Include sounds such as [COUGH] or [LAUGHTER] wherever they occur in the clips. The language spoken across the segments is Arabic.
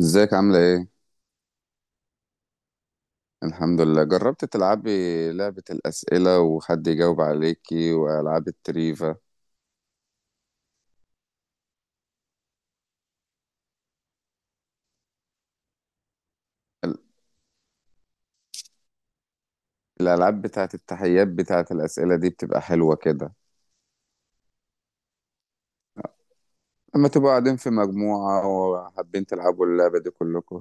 ازيك عاملة ايه؟ الحمد لله. جربت تلعبي لعبة الأسئلة وحد يجاوب عليكي وألعاب التريفا؟ ال- الألعاب بتاعة التحيات بتاعة الأسئلة دي بتبقى حلوة كده لما تبقوا قاعدين في مجموعة وحابين تلعبوا اللعبة دي كلكم؟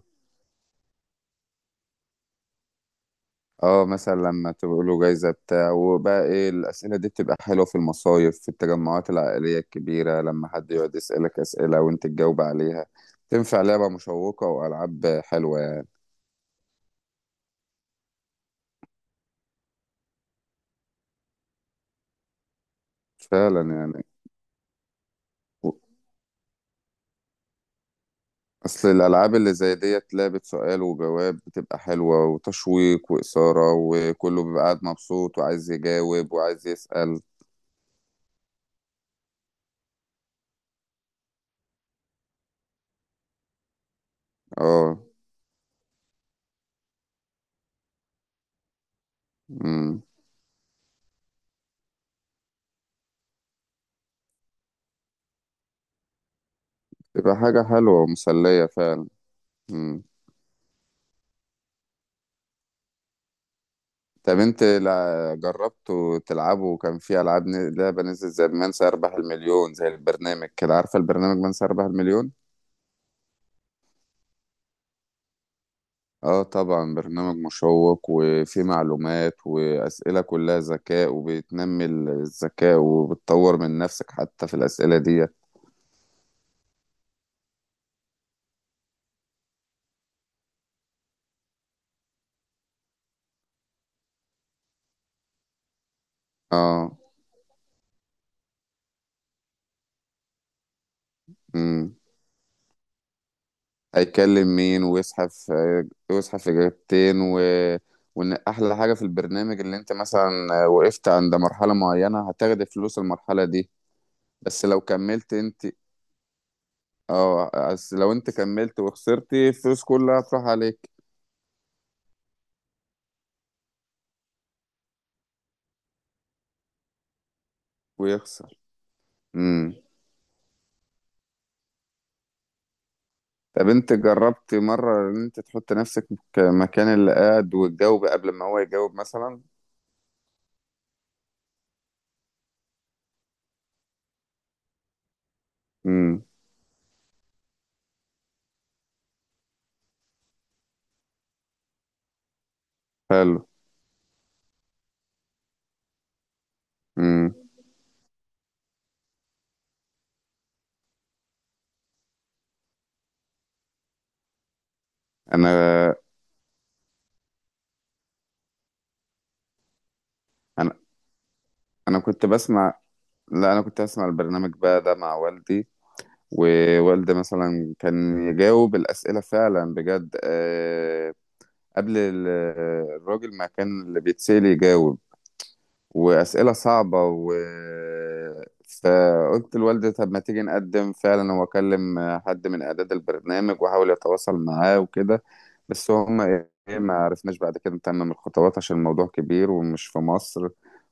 اه، مثلا لما تبقوا له جايزة بتاع. وبقى ايه، الأسئلة دي بتبقى حلوة في المصايف، في التجمعات العائلية الكبيرة لما حد يقعد يسألك أسئلة وانت تجاوب عليها. تنفع لعبة مشوقة وألعاب حلوة يعني. فعلا يعني اصل الالعاب اللي زي ديت لعبة سؤال وجواب بتبقى حلوة وتشويق وإثارة، وكله بيبقى قاعد مبسوط وعايز يجاوب وعايز يسأل. اه. امم بتبقى حاجة حلوة ومسلية فعلا. امم طب انت جربتوا تلعبوا؟ كان في العاب لعبة نزلت زي من سيربح المليون، زي البرنامج كده. عارفة البرنامج من سيربح المليون؟ اه طبعا، برنامج مشوق وفيه معلومات وأسئلة كلها ذكاء وبتنمي الذكاء وبتطور من نفسك حتى في الأسئلة دي. اه. امم هيكلم مين ويزحف. يزحف إجابتين وإن أحلى حاجة في البرنامج اللي أنت مثلا وقفت عند مرحلة معينة هتاخد فلوس المرحلة دي. بس لو كملت أنت. اه، بس لو أنت كملت وخسرت الفلوس كلها هتروح عليك. ويخسر. طب انت جربت مرة ان انت تحط نفسك مكان اللي قاعد وتجاوب قبل ما هو يجاوب مثلا؟ امم حلو. امم انا انا انا كنت بسمع. لا، انا كنت بسمع البرنامج بقى ده مع والدي. ووالدي مثلا كان يجاوب الأسئلة فعلا بجد. قبل الراجل ما كان اللي بيتسأل يجاوب. وأسئلة صعبة فقلت لوالدي طب ما تيجي نقدم فعلا. هو كلم حد من إعداد البرنامج وحاول يتواصل معاه وكده، بس هم إيه، ما عرفناش بعد كده نتمم الخطوات عشان الموضوع كبير ومش في مصر.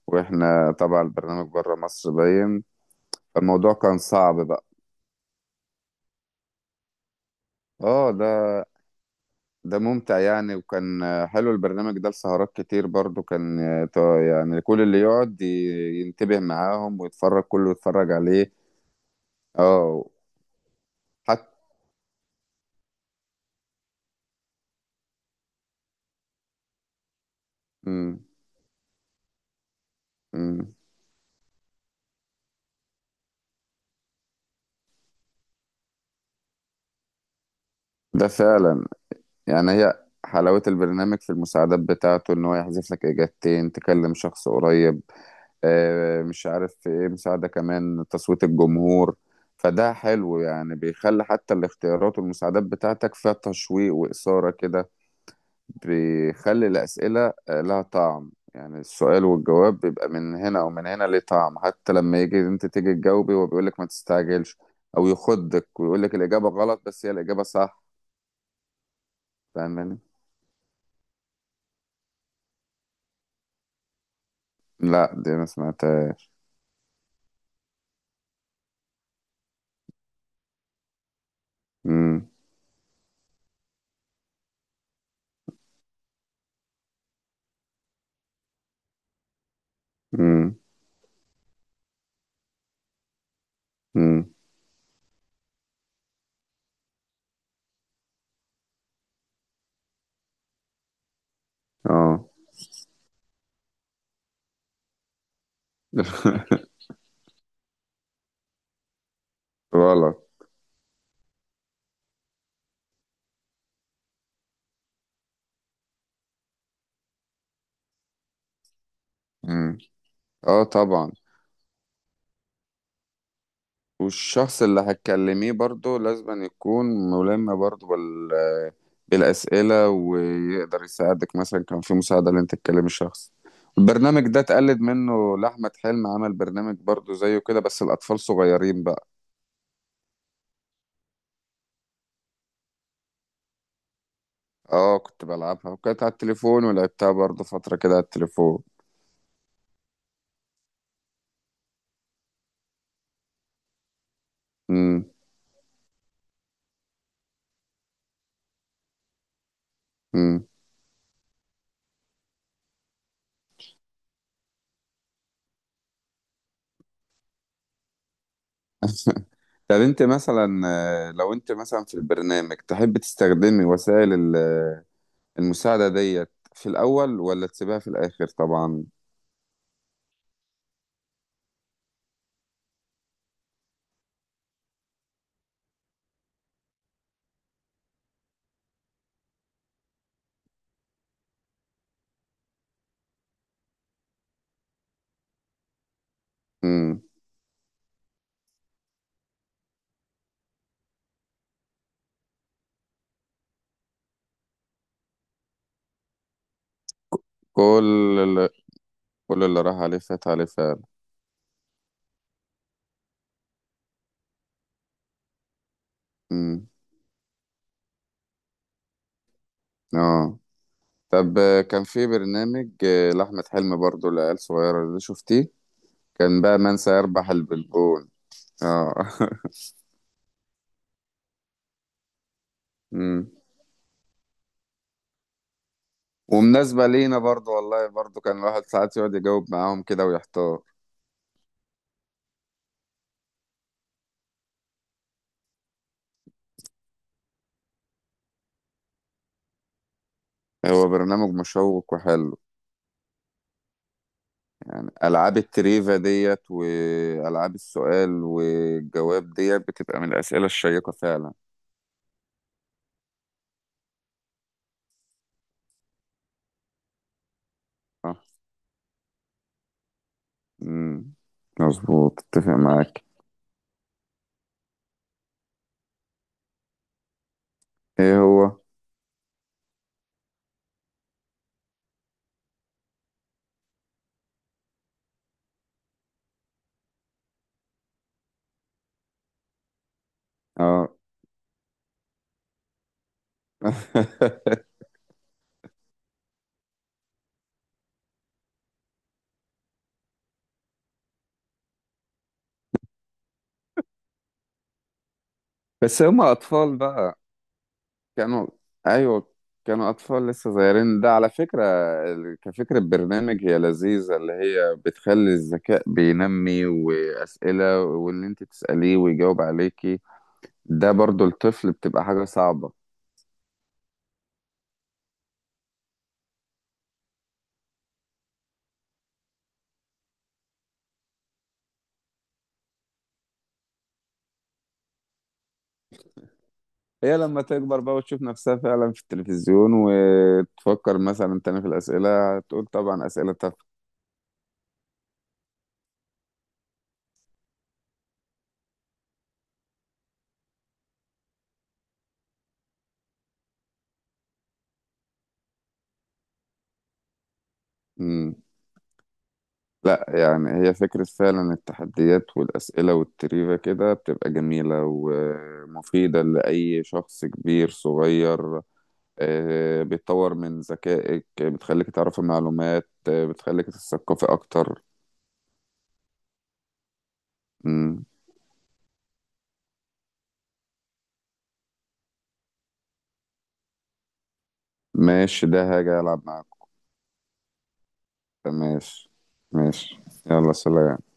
وإحنا طبعا البرنامج بره مصر باين. فالموضوع كان صعب بقى. اه. ده ممتع يعني. وكان حلو البرنامج ده لسهرات كتير برضو، كان يعني كل اللي يقعد ينتبه معاهم ويتفرج كله يتفرج عليه. اه، حتى. ده فعلا يعني هي حلاوة البرنامج في المساعدات بتاعته ان هو يحذف لك اجابتين، تكلم شخص قريب. مش عارف في ايه، مساعدة كمان تصويت الجمهور. فده حلو يعني، بيخلي حتى الاختيارات والمساعدات بتاعتك فيها تشويق وإثارة كده. بيخلي الأسئلة لها طعم. يعني السؤال والجواب بيبقى من هنا أو من هنا، ليه طعم حتى لما يجي أنت تيجي تجاوبي هو بيقول لك ما تستعجلش أو يخدك ويقول لك الإجابة غلط، بس هي الإجابة صح. فاهماني؟ لا دي أنا سمعتها. امم امم امم اه. [LAUGHS] غلط. امم اه طبعا. والشخص اللي هتكلميه برضه لازم يكون ملم برضه بالأسئلة ويقدر يساعدك. مثلا كان في مساعدة اللي انت تكلم الشخص. البرنامج ده اتقلد منه لأحمد حلمي، عمل برنامج برضه زيه كده بس الأطفال صغيرين بقى. اه كنت بلعبها، وكانت على التليفون ولعبتها برضه فترة كده على التليفون. امم امم [LAUGHS] طب انت مثلا لو انت مثلا في البرنامج تحب تستخدمي وسائل المساعدة ديت في الأول ولا تسيبها في الآخر؟ طبعا. امم كل اللي كل اللي راح عليه فات عليه فعلا. امم اه. طب كان في برنامج لأحمد حلمي برضو لعيال صغيرة، ده شفتيه؟ كان بقى من سيربح البلبون. اه [LAUGHS] امم ومناسبة لينا برضو والله، برضو كان الواحد ساعات يقعد يجاوب معاهم كده ويحتار. هو برنامج مشوق وحلو. ألعاب التريفا ديت وألعاب السؤال والجواب ديت بتبقى من الأسئلة الشيقة فعلا. اه. امم مظبوط، اتفق معاك. ايه هو؟ اه [LAUGHS] بس هم اطفال بقى. كانوا. ايوه، كانوا اطفال لسه صغيرين ده على فكره. كفكره برنامج هي لذيذه، اللي هي بتخلي الذكاء بينمي واسئله واللي انت تساليه ويجاوب عليكي. ده برضو الطفل بتبقى حاجه صعبه. هي لما تكبر بقى وتشوف نفسها فعلا في التلفزيون وتفكر مثلا تاني في الاسئله تقول طبعا اسئله تافهه. لا يعني هي فكرة فعلا، التحديات والأسئلة والتريفة كده بتبقى جميلة ومفيدة لأي شخص كبير صغير. بتطور من ذكائك، بتخليك تعرف المعلومات، بتخليك تتثقفي أكتر. مم. ماشي ده هاجي ألعب معاكم. ماشي. ماشي. يلا سلام.